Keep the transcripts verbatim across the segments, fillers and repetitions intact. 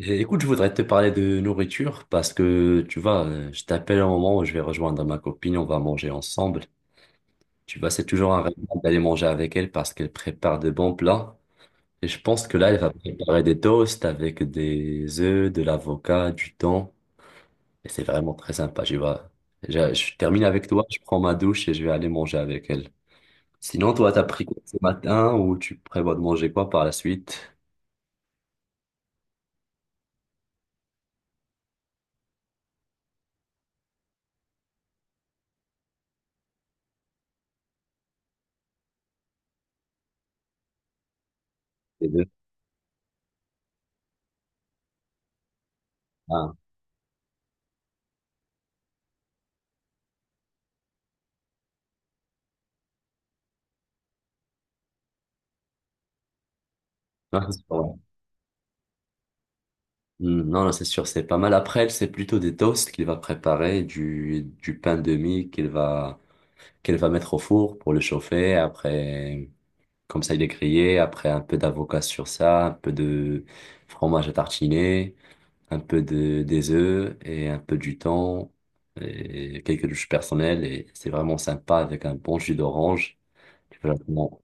Eh, Écoute, je voudrais te parler de nourriture parce que, tu vois, euh, je t'appelle au moment où je vais rejoindre ma copine, on va manger ensemble. Tu vois, c'est toujours un rêve d'aller manger avec elle parce qu'elle prépare de bons plats. Et je pense que là, elle va préparer des toasts avec des œufs, de l'avocat, du thon. Et c'est vraiment très sympa, tu vois. Je, je termine avec toi, je prends ma douche et je vais aller manger avec elle. Sinon, toi, t'as pris quoi ce matin ou tu prévois de manger quoi par la suite? Les deux. Ah. Hmm. Non, non, c'est sûr, c'est pas mal. Après, elle, c'est plutôt des toasts qu'il va préparer, du, du pain de mie qu'il va, qu'elle va mettre au four pour le chauffer. Après, comme ça, il est grillé. Après, un peu d'avocat sur ça, un peu de fromage à tartiner, un peu de, des œufs et un peu du thon et quelques douches personnelles. Et c'est vraiment sympa avec un bon jus d'orange. Tu peux vraiment-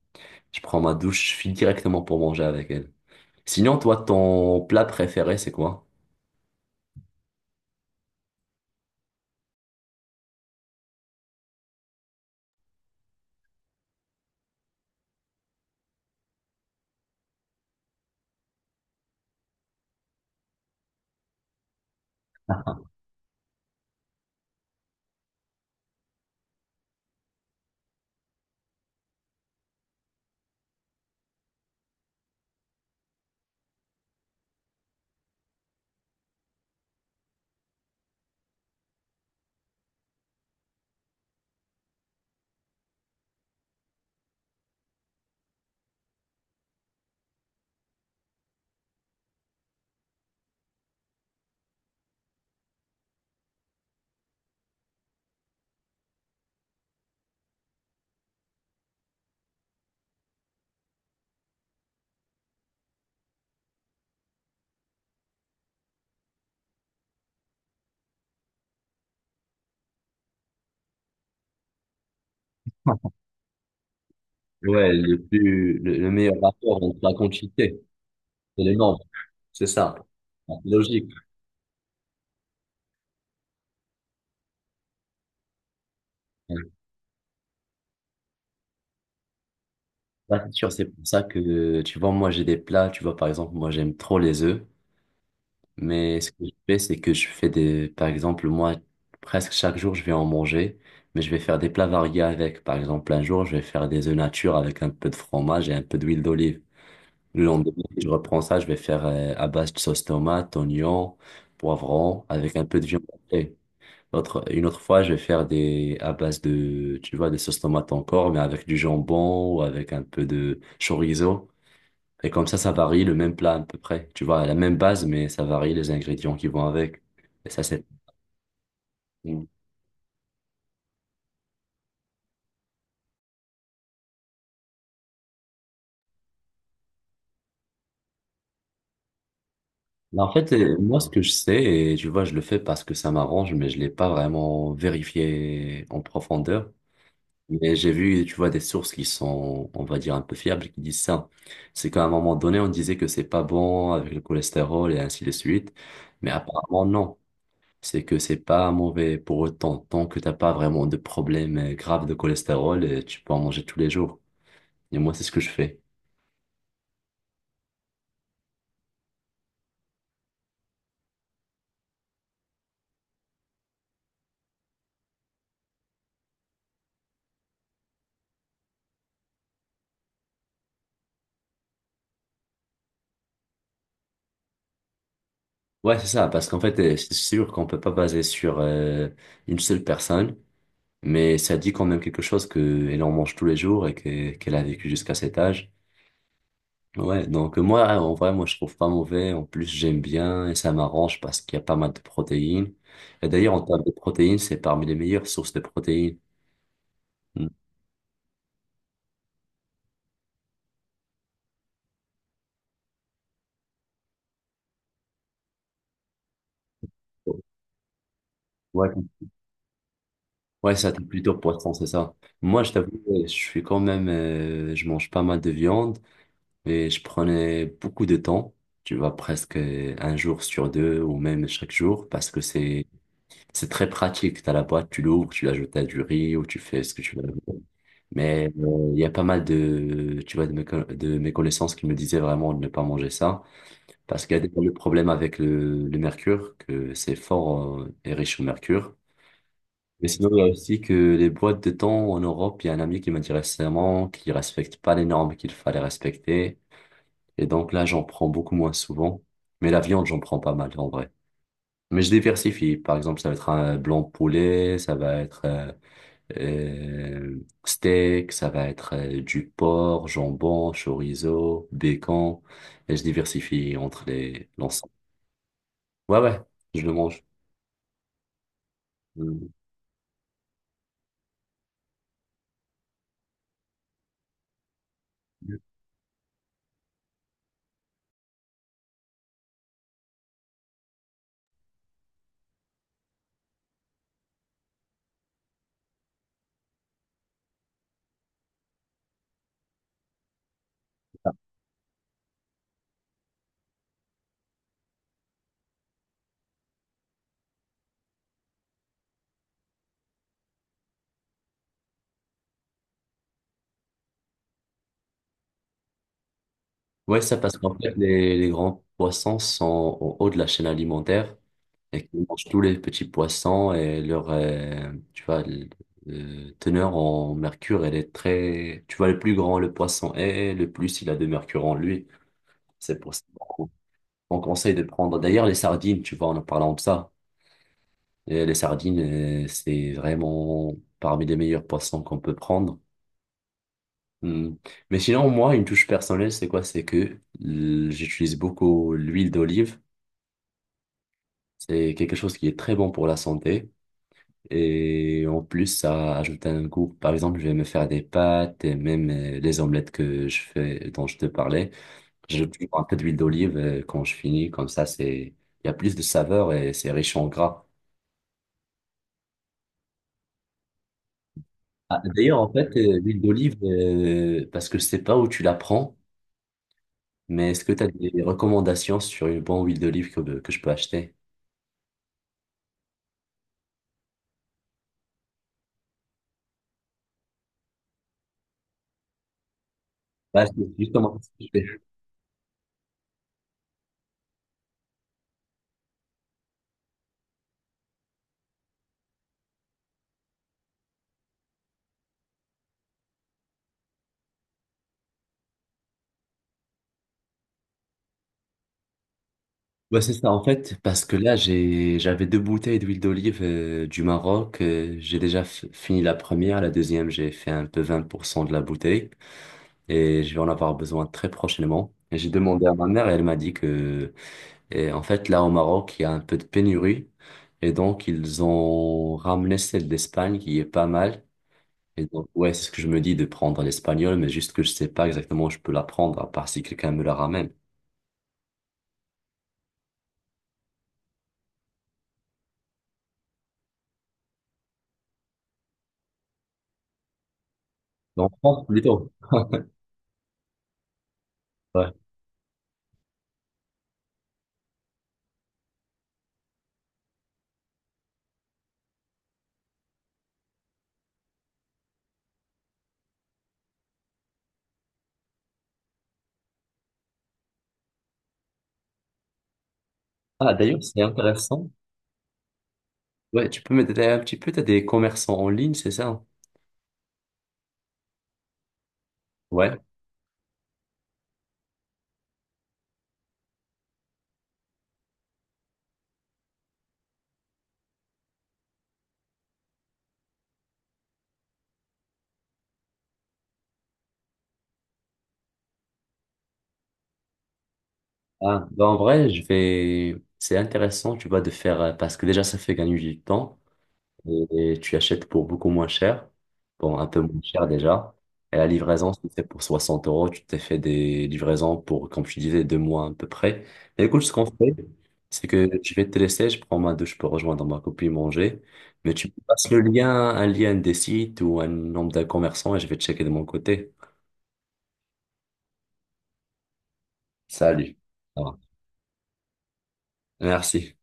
Je prends ma douche, je file directement pour manger avec elle. Sinon, toi, ton plat préféré, c'est quoi? Ouais, le plus, le, le meilleur rapport entre la quantité et les nombres. C'est ça. C'est logique. Ouais. Ça, c'est sûr, c'est pour ça que, tu vois, moi, j'ai des plats, tu vois, par exemple, moi, j'aime trop les œufs, mais ce que je fais, c'est que je fais des, par exemple, moi, presque chaque jour, je vais en manger, mais je vais faire des plats variés avec. Par exemple, un jour, je vais faire des œufs nature avec un peu de fromage et un peu d'huile d'olive. Le lendemain, je reprends ça, je vais faire euh, à base de sauce tomate, oignon, poivron, avec un peu de viande hachée. Autre, une autre fois, je vais faire des, à base de, tu vois, des sauces tomates encore, mais avec du jambon ou avec un peu de chorizo. Et comme ça, ça varie le même plat à peu près. Tu vois, la même base, mais ça varie les ingrédients qui vont avec. Et ça, c'est... Mm. Mais en fait, euh, moi, ce que je sais, et tu vois, je le fais parce que ça m'arrange, mais je l'ai pas vraiment vérifié en profondeur. Mais j'ai vu, tu vois, des sources qui sont, on va dire, un peu fiables qui disent ça. C'est qu'à un moment donné, on disait que c'est pas bon avec le cholestérol et ainsi de suite. Mais apparemment, non. C'est que c'est pas mauvais pour autant. Tant que t'as pas vraiment de problème euh, grave de cholestérol, euh, tu peux en manger tous les jours. Et moi, c'est ce que je fais. Ouais, c'est ça. Parce qu'en fait, euh, c'est sûr qu'on peut pas baser sur euh, une seule personne. Mais ça dit quand même quelque chose qu'elle en mange tous les jours et que- qu'elle a vécu jusqu'à cet âge. Ouais, donc moi, en vrai, moi, je trouve pas mauvais. En plus, j'aime bien et ça m'arrange parce qu'il y a pas mal de protéines. Et d'ailleurs, en termes de protéines, c'est parmi les meilleures sources de protéines. Mm. Ouais, ouais, ça, t'es plutôt poisson, c'est ça. Moi, je t'avoue, ouais, je suis quand même, euh, je mange pas mal de viande, mais je prenais beaucoup de temps. Tu vois, presque un jour sur deux ou même chaque jour parce que c'est, c'est très pratique. T'as la boîte, tu l'ouvres, tu l'ajoutes à du riz ou tu fais ce que tu veux. Mais euh, il y a pas mal de, tu vois, de mes, co- de mes connaissances qui me disaient vraiment de ne pas manger ça, parce qu'il y a des le problème avec le, le mercure, que c'est fort euh, et riche en mercure. Mais sinon, il y a aussi que les boîtes de thon en Europe, il y a un ami qui m'a dit récemment qu'il respecte pas les normes qu'il fallait respecter. Et donc là, j'en prends beaucoup moins souvent. Mais la viande, j'en prends pas mal en vrai. Mais je diversifie. Par exemple, ça va être un blanc poulet, ça va être euh, euh, steak, ça va être euh, du porc, jambon, chorizo, bacon. Et je diversifie entre les l'ensemble. Ouais, ouais, je le mange. Mm. Ouais, ça passe. En fait, les, les grands poissons sont au haut de la chaîne alimentaire et qui mangent tous les petits poissons et leur, euh, tu vois, le- le teneur en mercure, elle est très... Tu vois, le plus grand le poisson est, le plus il a de mercure en lui. C'est pour ça. On conseille de prendre d'ailleurs les sardines, tu vois, en parlant de ça. Et les sardines, euh, c'est vraiment parmi les meilleurs poissons qu'on peut prendre. Hmm. Mais sinon, moi, une touche personnelle, c'est quoi? C'est que l- j'utilise beaucoup l'huile d'olive. C'est quelque chose qui est très bon pour la santé. Et en plus, ça ajoute un goût. Par exemple, je vais me faire des pâtes et même euh, les omelettes que je fais, dont je te parlais. J'ajoute un peu d'huile d'olive euh, quand je finis. Comme ça, c'est, il y a plus de saveur et c'est riche en gras. Ah, d'ailleurs, en fait, euh, l'huile d'olive, euh, parce que je sais pas où tu la prends, mais est-ce que tu as des recommandations sur une bonne huile d'olive que, que je peux acheter? Bah, c'est justement ce que je fais. Bah, c'est ça, en fait, parce que là, j'ai, j'avais deux bouteilles d'huile d'olive euh, du Maroc. Euh, j'ai déjà f- fini la première, la deuxième, j'ai fait un peu vingt pour cent de la bouteille et je vais en avoir besoin très prochainement. Et j'ai demandé à ma mère et elle m'a dit que. Et en fait, là, au Maroc, il y a un peu de pénurie. Et donc, ils ont ramené celle d'Espagne qui est pas mal. Et donc, ouais, c'est ce que je me dis de prendre l'espagnol, mais juste que je sais pas exactement où je peux la prendre, à part si quelqu'un me la ramène. En France, plutôt. Ouais. Ah, d'ailleurs, c'est intéressant. Ouais, tu peux m'aider un petit peu, t'as des commerçants en ligne, c'est ça? Ouais. Ah, bah en vrai, je vais. C'est intéressant, tu vois, de faire. euh, Parce que déjà, ça fait gagner du temps. Et tu achètes pour beaucoup moins cher, bon, un peu moins cher déjà. Et la livraison, si c'est pour soixante euros, tu t'es fait des livraisons pour, comme tu disais, deux mois à peu près. Et écoute, ce qu'on fait, c'est que je vais te laisser, je prends ma douche pour rejoindre ma copine manger, mais tu me passes le lien, un lien des sites ou un nombre de commerçants et je vais checker de mon côté. Salut. Au revoir. Merci.